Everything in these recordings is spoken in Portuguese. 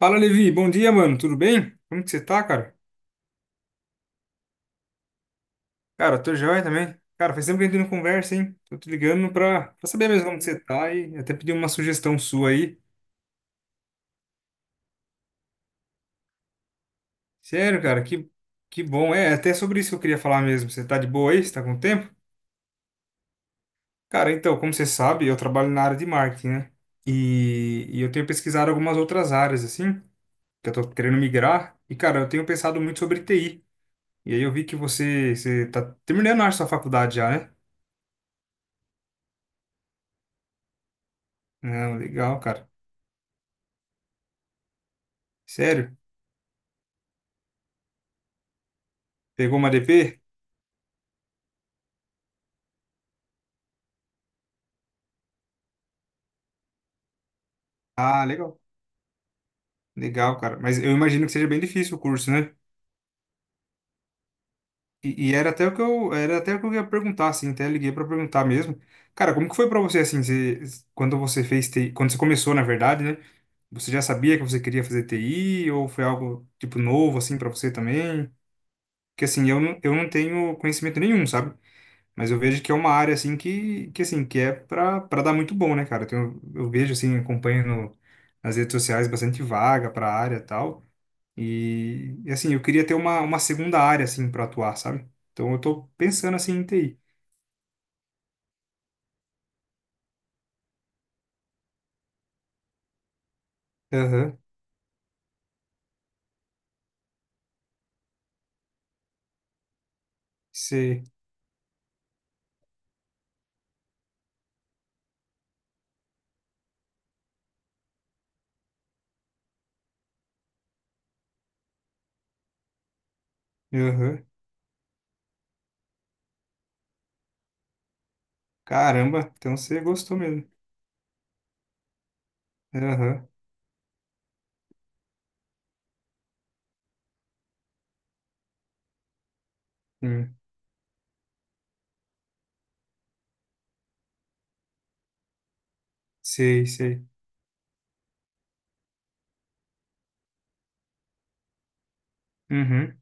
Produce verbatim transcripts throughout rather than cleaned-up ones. Fala, Levi. Bom dia, mano. Tudo bem? Como que você tá, cara? Cara, eu tô joia também. Cara, faz tempo que a gente não conversa, hein? Tô te ligando pra, pra saber mesmo como que você tá e até pedir uma sugestão sua aí. Sério, cara, que, que bom. É, até sobre isso que eu queria falar mesmo. Você tá de boa aí? Você tá com tempo? Cara, então, como você sabe, eu trabalho na área de marketing, né? E, e eu tenho pesquisado algumas outras áreas, assim, que eu tô querendo migrar. E, cara, eu tenho pensado muito sobre T I. E aí eu vi que você, você tá terminando a sua faculdade já, né? Não, legal, cara. Sério? Pegou uma D P? Ah, legal. Legal, cara. Mas eu imagino que seja bem difícil o curso, né? E, e era até o que eu, era até o que eu ia perguntar, assim, até liguei pra perguntar mesmo. Cara, como que foi pra você, assim, você- quando você fez T I, quando você começou, na verdade, né? Você já sabia que você queria fazer T I ou foi algo, tipo, novo, assim, pra você também? Porque, assim, eu não, eu não tenho conhecimento nenhum, sabe? Mas eu vejo que é uma área, assim, que, que assim, que é pra, pra dar muito bom, né, cara? Eu, tenho- eu vejo, assim, acompanho no- nas redes sociais bastante vaga pra área e tal. E, e, assim, eu queria ter uma, uma segunda área, assim, para atuar, sabe? Então eu tô pensando, assim, em T I. Aham, sei. Aham. Caramba, então você gostou mesmo. Aham, sim. Sei, sei. Uhum.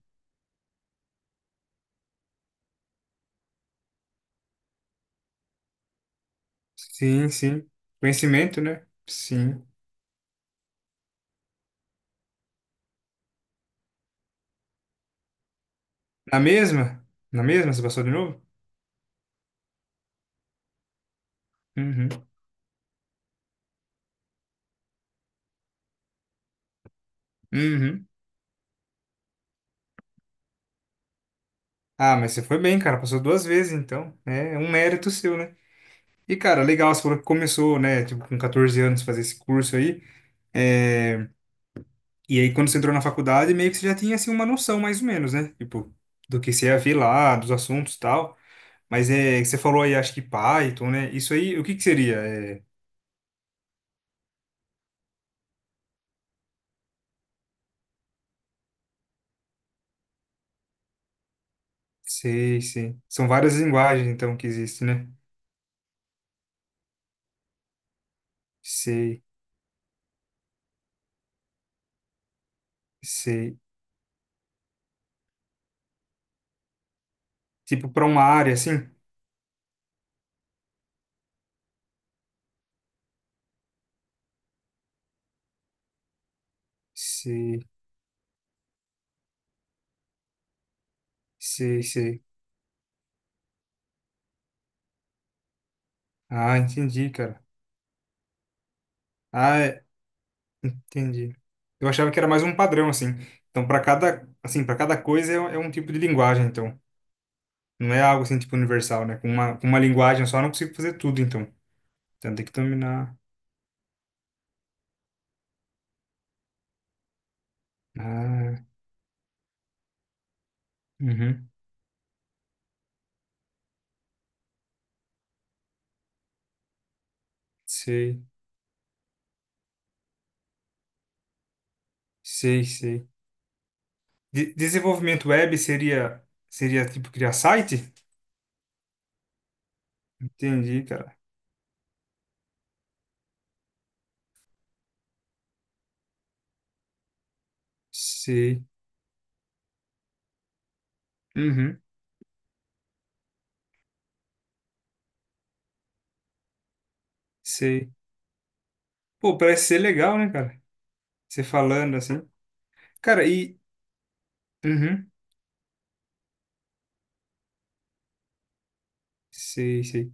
Sim, sim. Conhecimento, né? Sim. Na mesma? Na mesma? Você passou de novo? Uhum. Uhum. Ah, mas você foi bem, cara. Passou duas vezes, então, né? É um mérito seu, né? E, cara, legal, você falou que começou, né? Tipo, com catorze anos fazer esse curso aí. É, e aí, quando você entrou na faculdade, meio que você já tinha, assim, uma noção, mais ou menos, né? Tipo, do que você ia ver lá, dos assuntos e tal. Mas é... Você falou aí, acho que Python, né? Isso aí, o que que seria? É... Sei, sei. São várias linguagens, então, que existem, né? Sei, sei. Tipo, para uma área, assim? Sei, sei, sei. Ah, entendi, cara. Ah, é, entendi. Eu achava que era mais um padrão, assim. Então, para cada, assim, para cada coisa é, é um tipo de linguagem, então. Não é algo assim, tipo, universal, né? Com uma, com uma linguagem só eu não consigo fazer tudo, então. Então, tem que dominar. Ah, uhum. Sei, sei, sei. De- desenvolvimento web seria, seria, tipo, criar site? Entendi, cara. Sei. Uhum. Sei. Pô, parece ser legal, né, cara? Você falando assim. Cara, e... Uhum. Sei, sei.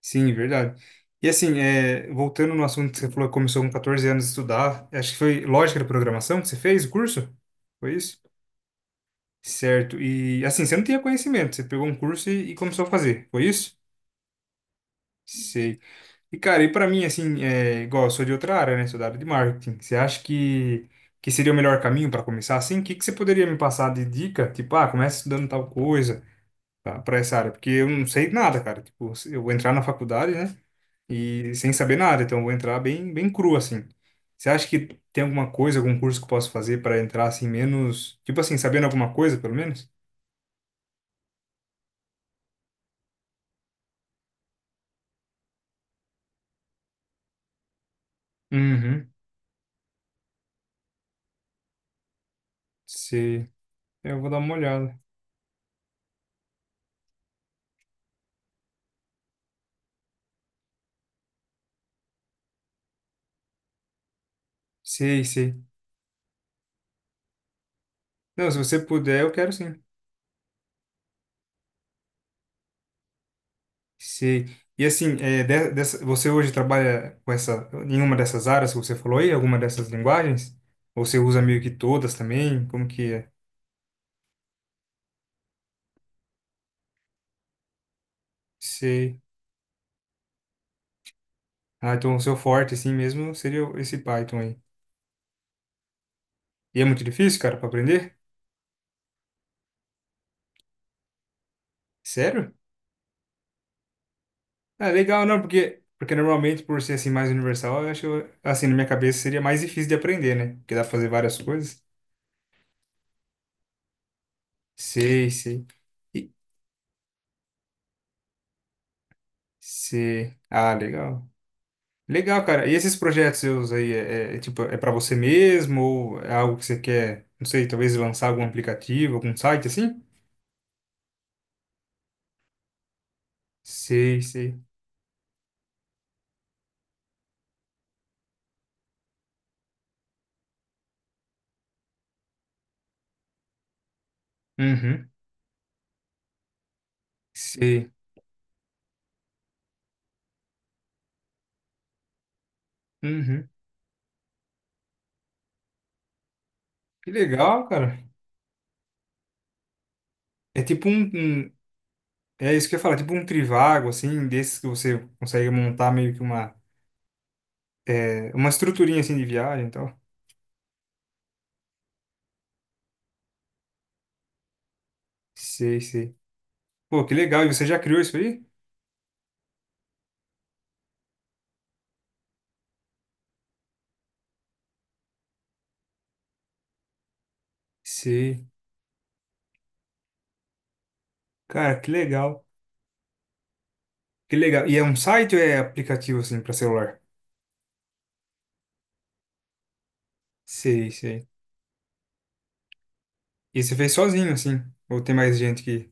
Sim, verdade. E assim, é, voltando no assunto que você falou que começou com catorze anos a estudar, acho que foi lógica da programação que você fez o curso? Foi isso? Certo. E assim, você não tinha conhecimento, você pegou um curso e, e começou a fazer, foi isso? Sei. E cara, e pra mim, assim, é, igual eu sou de outra área, né? Sou da área de marketing. Você acha que, que seria o melhor caminho para começar assim? O que, que você poderia me passar de dica? Tipo, ah, começa estudando tal coisa, para essa área, porque eu não sei nada, cara. Tipo, se- eu vou entrar na faculdade, né? E sem saber nada, então eu vou entrar bem, bem cru assim. Você acha que tem alguma coisa, algum curso que eu posso fazer para entrar assim menos, tipo assim, sabendo alguma coisa, pelo menos? Uhum. Sei. É, eu vou dar uma olhada. Sei, sei. Não, se você puder, eu quero sim. Sei. E assim, é, de- dessa, você hoje trabalha com essa, em uma dessas áreas que você falou aí, alguma dessas linguagens? Ou você usa meio que todas também? Como que é? Sei. Ah, então o seu forte, assim mesmo, seria o- esse Python aí. E é muito difícil, cara, pra aprender? Sério? Ah, legal, não, porque, porque normalmente, por ser assim mais universal, eu acho, que eu- assim, na minha cabeça seria mais difícil de aprender, né? Porque dá pra fazer várias coisas. Sei, sei. E- Sei. Ah, legal. Legal, cara. E esses projetos seus aí, é, é, é, tipo, é pra você mesmo ou é algo que você quer, não sei, talvez lançar algum aplicativo, algum site assim? Sei, sei. Uhum. Sei. Uhum. Que legal, cara. É tipo um, um- é isso que eu ia falar, tipo um trivago, assim, desses que você consegue montar meio que uma, é, uma estruturinha, assim, de viagem e tal. Sei, sei. Pô, que legal. E você já criou isso aí? Sei. Cara, que legal. Que legal. E é um site ou é aplicativo, assim, pra celular? Sei, sei. E você fez sozinho, assim? Ou tem mais gente que...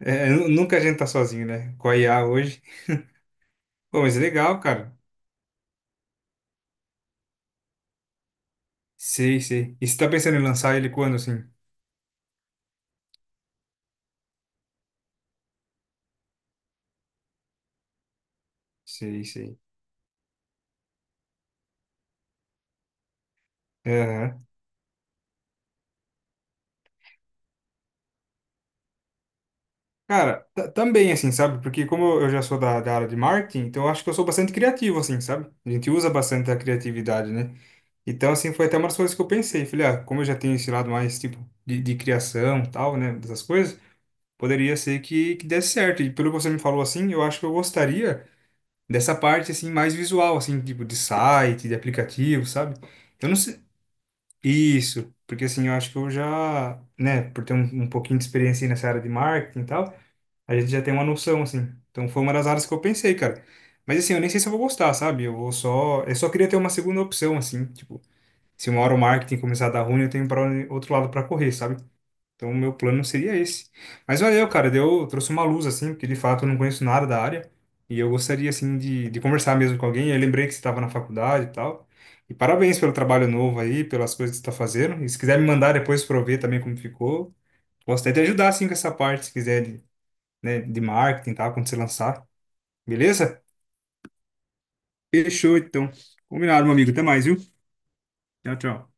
É, é, nu- nunca a gente tá sozinho, né? Com a I A hoje. Pô, mas é legal, cara. Sei, sei. E você tá pensando em lançar ele quando, assim? Sei, sei. Cara, ta- também assim, sabe? Porque como eu já sou da, da área de marketing, então eu acho que eu sou bastante criativo, assim, sabe? A gente usa bastante a criatividade, né? Então, assim, foi até uma das coisas que eu pensei. Falei, ah, como eu já tenho esse lado mais, tipo, de, de criação e tal, né? Dessas coisas, poderia ser que, que desse certo. E pelo que você me falou, assim, eu acho que eu gostaria dessa parte, assim, mais visual, assim, tipo, de site, de aplicativo, sabe? Eu não sei... Isso, porque assim, eu acho que eu já, né, por ter um, um pouquinho de experiência aí nessa área de marketing e tal, a gente já tem uma noção, assim. Então foi uma das áreas que eu pensei, cara. Mas assim, eu nem sei se eu vou gostar, sabe? Eu vou só. Eu só queria ter uma segunda opção, assim. Tipo, se uma hora o marketing começar a dar ruim, eu tenho para outro lado para correr, sabe? Então o meu plano seria esse. Mas valeu, cara. Deu, trouxe uma luz, assim, porque de fato eu não conheço nada da área. E eu gostaria, assim, de, de conversar mesmo com alguém. Eu lembrei que você estava na faculdade e tal. E parabéns pelo trabalho novo aí, pelas coisas que você está fazendo. E se quiser me mandar depois para eu ver também como ficou. Posso até te ajudar, assim, com essa parte, se quiser, de, né, de marketing e tal, quando você lançar. Beleza? Fechou, então. Combinado, meu amigo. Até mais, viu? Tchau, tchau.